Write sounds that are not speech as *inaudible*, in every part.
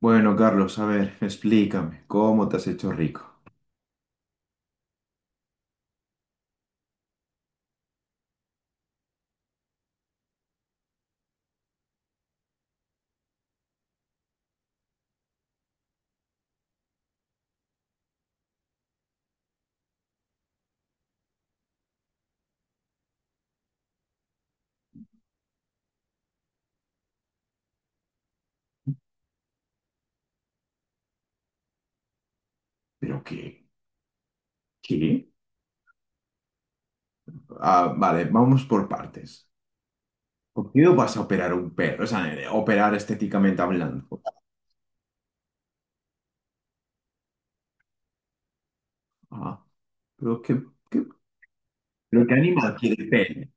Bueno, Carlos, a ver, explícame, ¿cómo te has hecho rico? ¿Pero qué? ¿Qué? Ah, vale, vamos por partes. ¿Por qué no vas a operar un perro? O sea, operar estéticamente hablando. Ah, pero qué, qué- ¿pero qué animal quiere pene?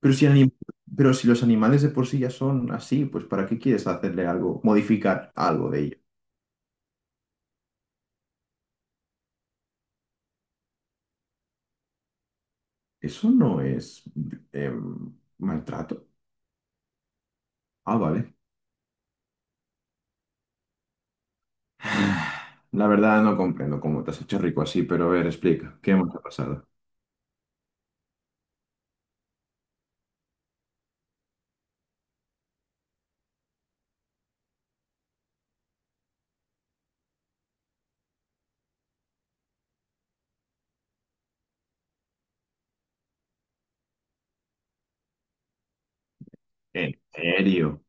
Pero si, anim- pero si los animales de por sí ya son así, pues ¿para qué quieres hacerle algo, modificar algo de ello? Eso no es maltrato. Ah, vale. La verdad no comprendo cómo te has hecho rico así, pero a ver, explica, ¿qué más ha pasado? ¿En serio?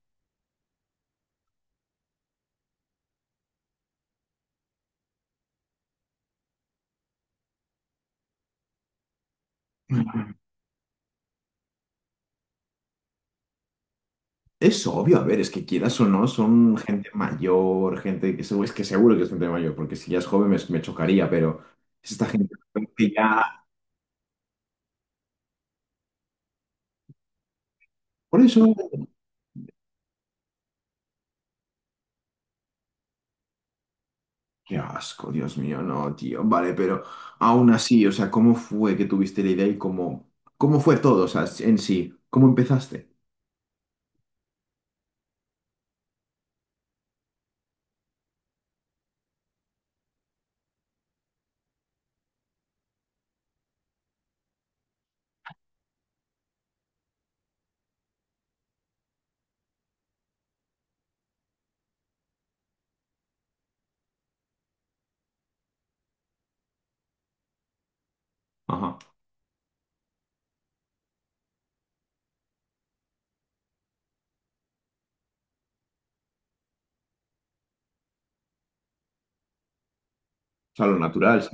Es obvio, a ver, es que quieras o no, son gente mayor, gente que seguro, es que seguro que es gente mayor, porque si ya es joven me chocaría, pero es esta gente que ya... Por eso... Qué asco, Dios mío, no, tío. Vale, pero aún así, o sea, ¿cómo fue que tuviste la idea y cómo, cómo fue todo, o sea, en sí? ¿Cómo empezaste? Ajá. O sea, lo natural.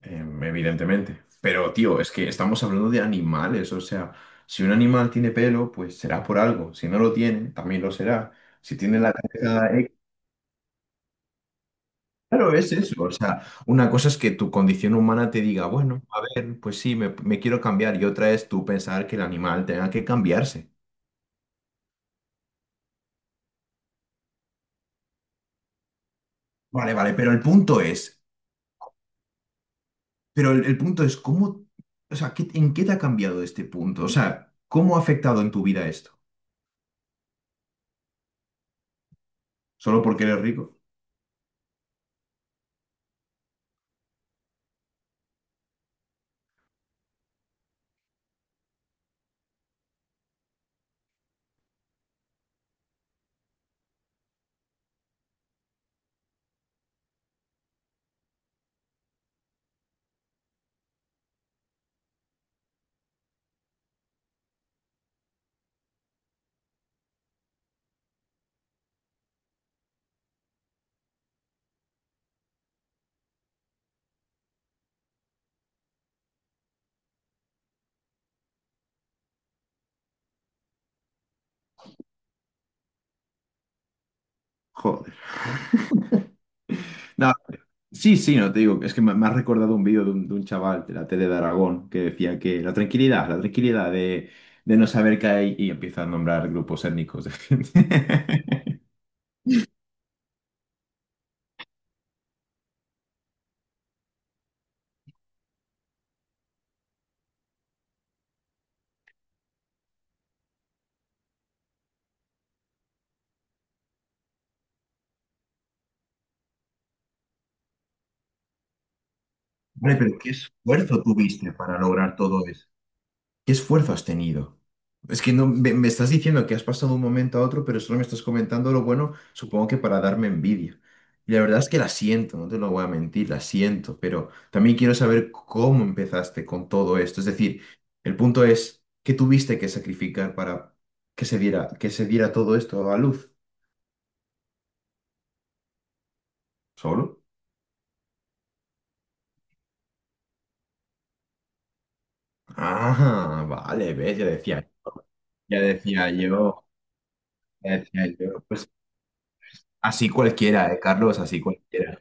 Evidentemente. Pero, tío, es que estamos hablando de animales, o sea, si un animal tiene pelo, pues será por algo. Si no lo tiene, también lo será. Si tiene la cabeza... claro, es eso. O sea, una cosa es que tu condición humana te diga, bueno, a ver, pues sí, me quiero cambiar. Y otra es tú pensar que el animal tenga que cambiarse. Vale, vale, pero el punto es, pero el punto es, ¿cómo, o sea, ¿qué- en qué te ha cambiado este punto? O sea, ¿cómo ha afectado en tu vida esto? ¿Solo porque eres rico? Joder. No, sí, sí, no te digo, es que me has recordado un vídeo de de un chaval de la tele de Aragón que decía que la tranquilidad de no saber qué hay y empieza a nombrar grupos étnicos de gente. *laughs* Hombre, pero qué esfuerzo tuviste para lograr todo eso. ¿Qué esfuerzo has tenido? Es que no me estás diciendo que has pasado de un momento a otro, pero solo me estás comentando lo bueno, supongo que para darme envidia. Y la verdad es que la siento, no te lo voy a mentir, la siento, pero también quiero saber cómo empezaste con todo esto. Es decir, el punto es, ¿qué tuviste que sacrificar para que se diera todo esto a luz? ¿Solo? Ah, vale, ves, ya decía yo, ya decía yo. Pues así cualquiera, Carlos, así cualquiera.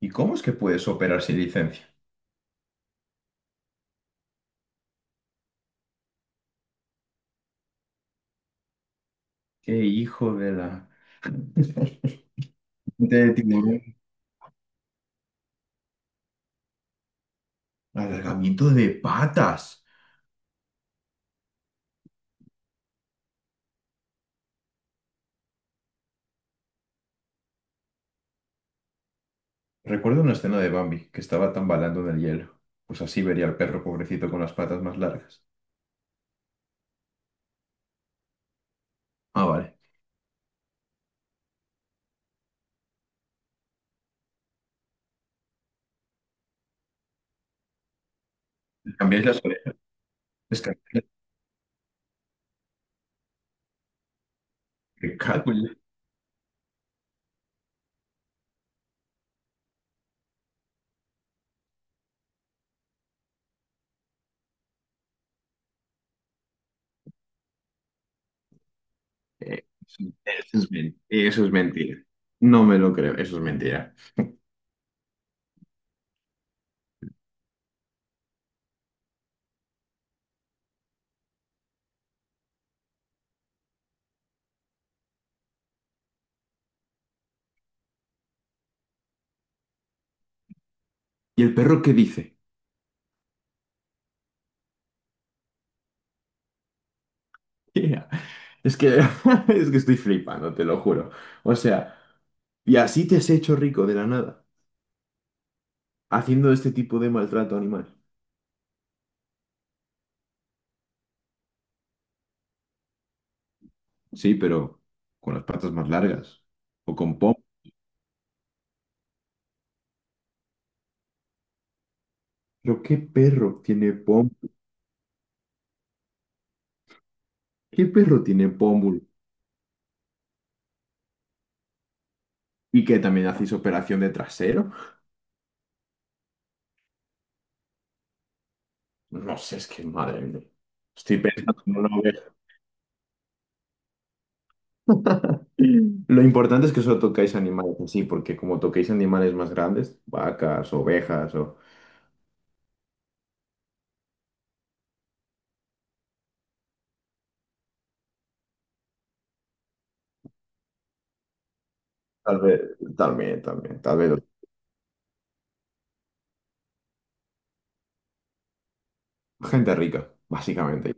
¿Y cómo es que puedes operar sin licencia? ¡Qué hijo de la... *laughs* de tiburón! Alargamiento de patas. Recuerdo una escena de Bambi que estaba tambalando en el hielo. Pues así vería al perro pobrecito con las patas más largas. Ah, vale. Le cambiáis las orejas. Les cambiáis las- Me cago en la- Eh, eso es mentira. No me lo creo. Eso es mentira. ¿Y el perro qué dice? *laughs* Yeah. Es que, *laughs* es que estoy flipando, te lo juro. O sea, y así te has hecho rico de la nada, haciendo este tipo de maltrato animal. Sí, pero con las patas más largas o con pom. Pero ¿qué perro tiene pom? ¿Qué perro tiene pómulo? ¿Y que también hacéis operación de trasero? No sé, es que madre mía. Estoy pensando en una oveja. Lo importante es que solo tocáis animales así, porque como toquéis animales más grandes, vacas, ovejas, o tal vez, también, también, tal vez gente rica, básicamente.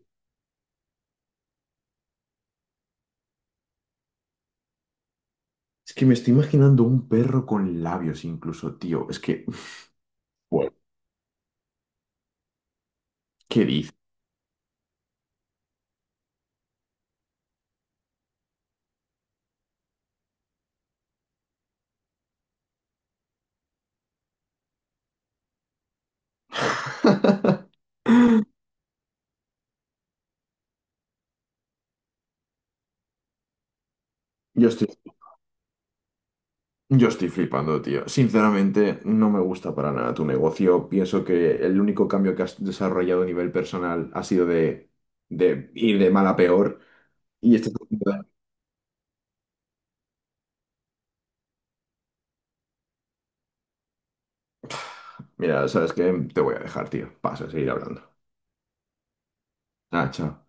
Es que me estoy imaginando un perro con labios incluso, tío. Es que, bueno, ¿qué dices? *laughs* Yo estoy, yo estoy flipando, tío. Sinceramente, no me gusta para nada tu negocio. Pienso que el único cambio que has desarrollado a nivel personal ha sido de ir de mal a peor. Y estás haciendo- Mira, ¿sabes qué? Te voy a dejar, tío. Pasa a seguir hablando. Ah, chao.